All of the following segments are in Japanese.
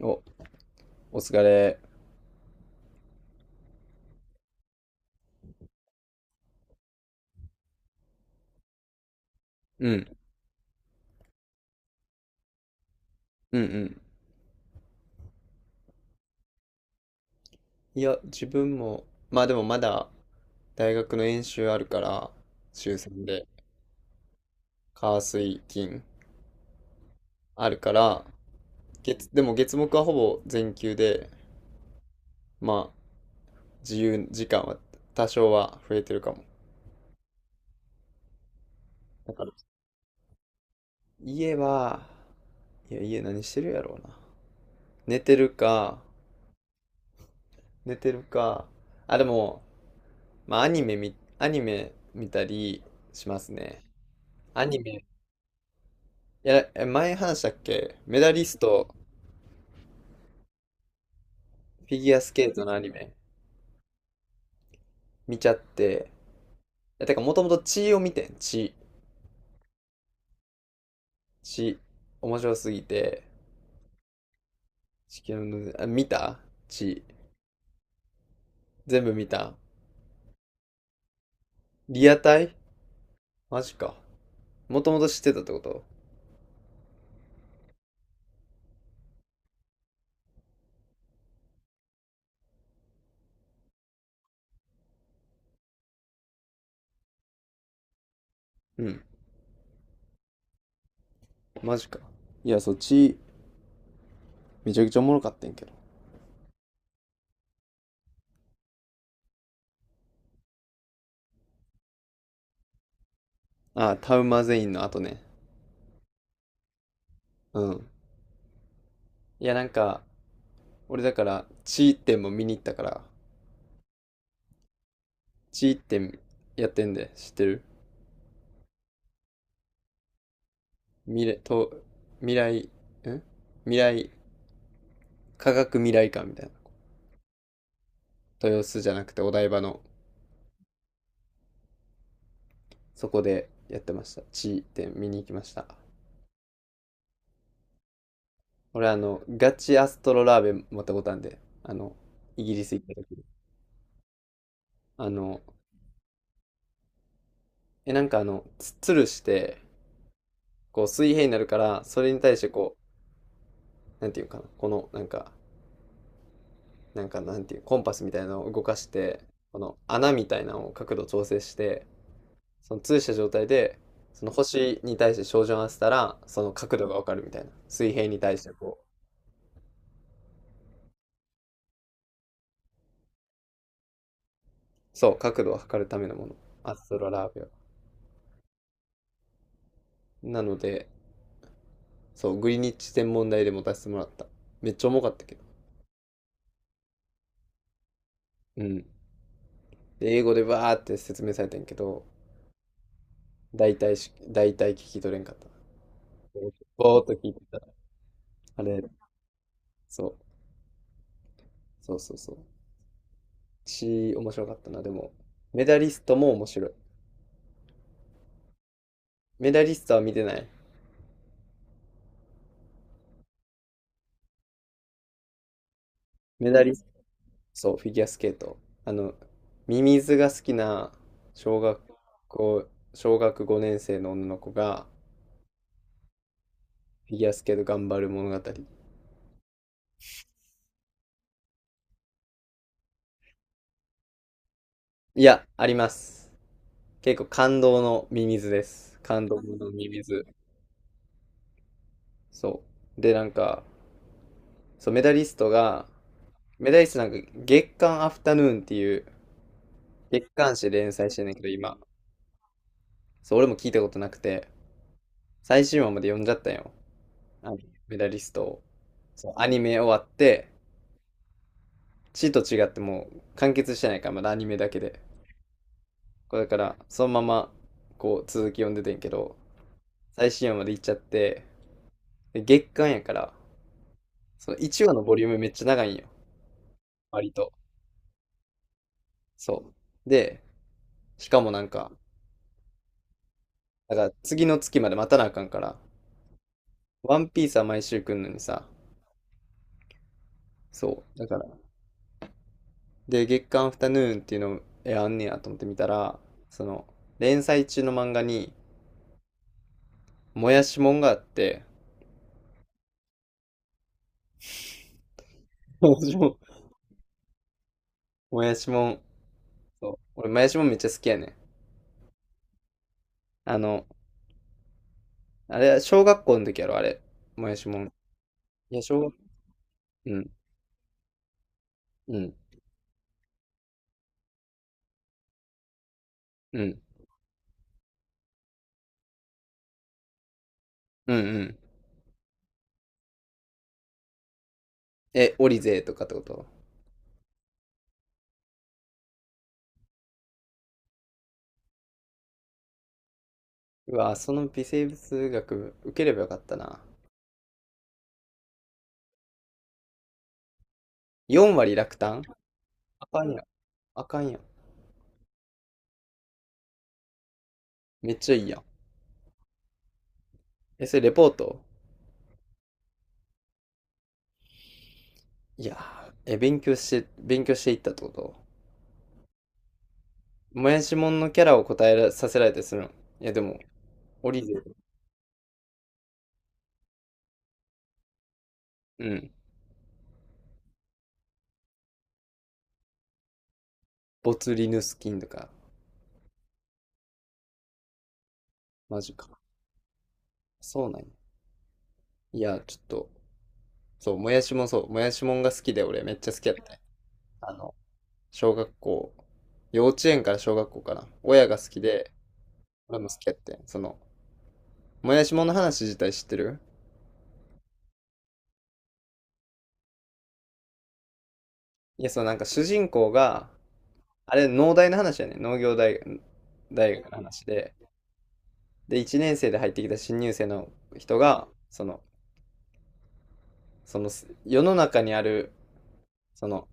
お、お疲れ。うん、うんうん。いや、自分も、まあでもまだ大学の演習あるから、週3で、火水金あるから、月、でも月木はほぼ全休で、まあ自由時間は多少は増えてるかも。だから、家は、いや、家何してるやろうな。寝てるか、寝てるか、あ、でも、まあアニメ見たりしますね。アニメ、いや、前話したっけ、メダリスト、フィギュアスケートのアニメ、見ちゃって、いや、てか、もともと血を見てん、血、血、面白すぎて、地球の、あ、見た血、全部見た。リアタイマジか。もともと知ってたってこと？うん、マジか。いや、そう、血、めちゃくちゃおもろかったんやけど。ああ、タウマゼインの後ね。うん。いや、なんか、俺だから、血っても見に行ったから、血ってやってんで、知ってる？未来、と、未来、ん未来、科学未来館みたいな。豊洲じゃなくてお台場の、そこでやってました。地点見に行きました。俺あの、ガチアストロラーベン持ったことあるんで、あの、イギリス行った時に。あの、え、なんかあの、つるして、こう水平になるから、それに対してこう、なんていうかな、この、なんか、なんかなんていう、コンパスみたいなのを動かして、この穴みたいなのを角度調整して、その通した状態で、その星に対して照準を合わせたら、その角度がわかるみたいな。水平に対してこう、そう、角度を測るためのもの。アストロラービア。なので、そう、グリニッジ天文台で持たせてもらった。めっちゃ重かったけど。うん。で、英語でバーって説明されてんけど、大体聞き取れんかった。ぼーっと聞いてた。あれ、そう、そうそうそう。し面白かったな。でも、メダリストも面白い。メダリストは見てない。メダリそう、フィギュアスケート。あの、ミミズが好きな小学校、小学5年生の女の子がフィギュアスケート頑張る物語。いや、あります。結構感動のミミズです。感動のミミズ。そう。で、なんか、そう、メダリストが、メダリストなんか月刊アフタヌーンっていう月刊誌連載してんねんけど、今。そう、俺も聞いたことなくて、最新話まで読んじゃったんよ。あのメダリストを。そう、アニメ終わって、C と違ってもう完結してないから、まだアニメだけで。これだから、そのまま、こう、続き読んでてんけど、最新話まで行っちゃって、で月間やから、その1話のボリュームめっちゃ長いんよ。割と。そう。で、しかもなんか、だから次の月まで待たなあかんから、ワンピースは毎週来んのにさ、そう。だから、で、月刊アフタヌーンっていうの、え、あんねやと思って見たら、その、連載中の漫画に、もやしもんがあって、もやしもん、そう。俺、もやしもんめっちゃ好きやねん。あの、あれ、小学校の時やろ、あれ。もやしもん。いや、小学、うん、うん、うん、うん、うん。え、オリゼーとかってこと？うわ、その微生物学受ければよかったな。4割落胆？あかんやん。あかんやん。めっちゃいいやん。え、それレポート？いやー、え、勉強していったってこと？もやしもんのキャラを答えらさせられたりするの？いや、でも、オリゼー、うん。ボツリヌス菌とか、マジか。そうなんや。いや、ちょっと、そう、もやしもんが好きで、俺めっちゃ好きやったね。あの、小学校、幼稚園から小学校かな。親が好きで、俺も好きやってん。その、もやしもんの話自体知ってる？いや、そう、なんか主人公が、あれ、農大の話やね。農業大学、大学の話で。で、1年生で入ってきた新入生の人が、その、世の中にある、その、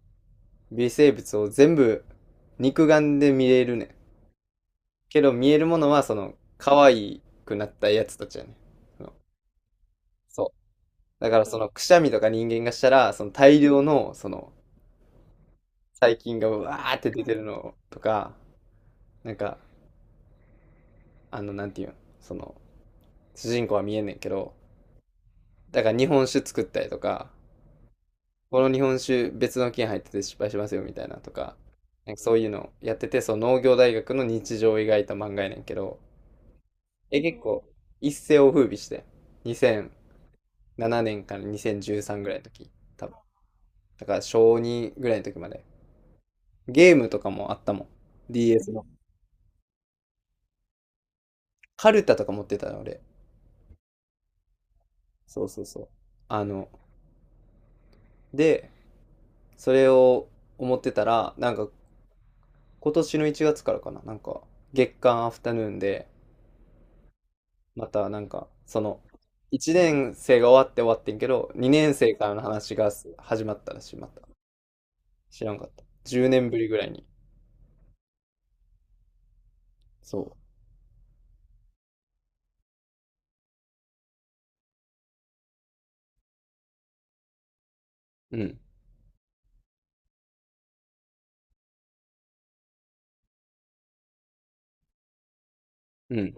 微生物を全部、肉眼で見れるねん。けど見えるものはその可愛くなったやつたちやね。そのそう。だからそのくしゃみとか人間がしたら、その大量のその細菌がうわーって出てるのとか、なんか、あの、なんていうん、その、主人公は見えんねんけど、だから日本酒作ったりとか、この日本酒別の菌入ってて失敗しますよみたいなとか、なんかそういうのやってて、その農業大学の日常を描いた漫画やねんけど、え、結構一世を風靡して、2000 7年から2013ぐらいの時、多分。だから小2ぐらいの時まで。ゲームとかもあったもん。DS の。カルタとか持ってたの、俺。そうそうそう。あの、で、それを思ってたら、なんか今年の1月からかな、なんか月間アフタヌーンで、またなんか、その、1年生が終わって終わってんけど、2年生からの話が始まったらしい、また。知らんかった。10年ぶりぐらいに。そう。うん。うん。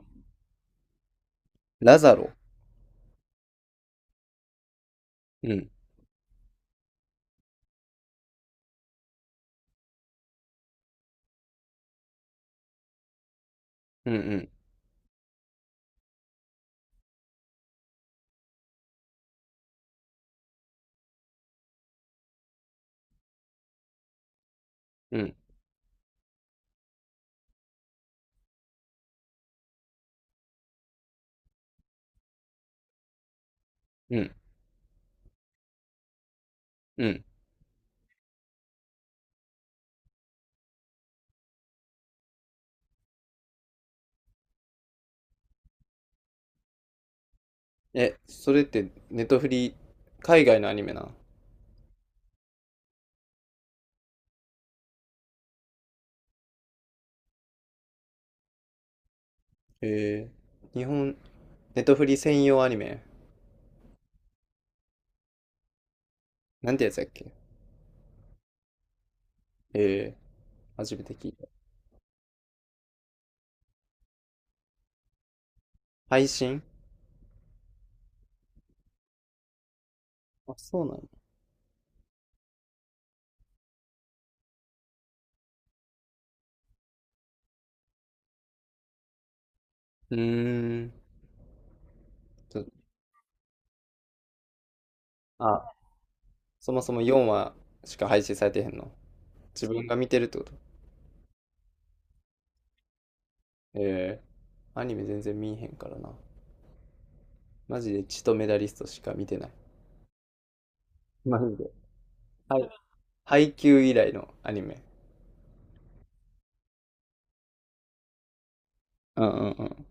ラザロ。うん。うんうん。うんうん。うん。え、それってネトフリ、海外のアニメな。えー、日本、ネトフリ専用アニメ。なんてやつやっけ？えー、初めて聞いた。配信？あ、そうなの？うーん。ちょあ、そもそも4話しか配信されてへんの？自分が見てるってこと？えー、アニメ全然見えへんからな。マジで血とメダリストしか見てない。マジで。はい。配給以来のアニメ。うんうんうん。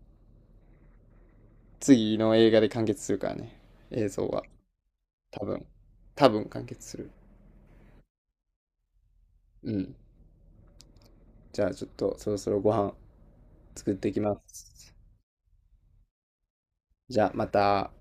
次の映画で完結するからね。映像は。多分。多分完結する。うん。じゃあちょっとそろそろご飯作ってきます。じゃあまた。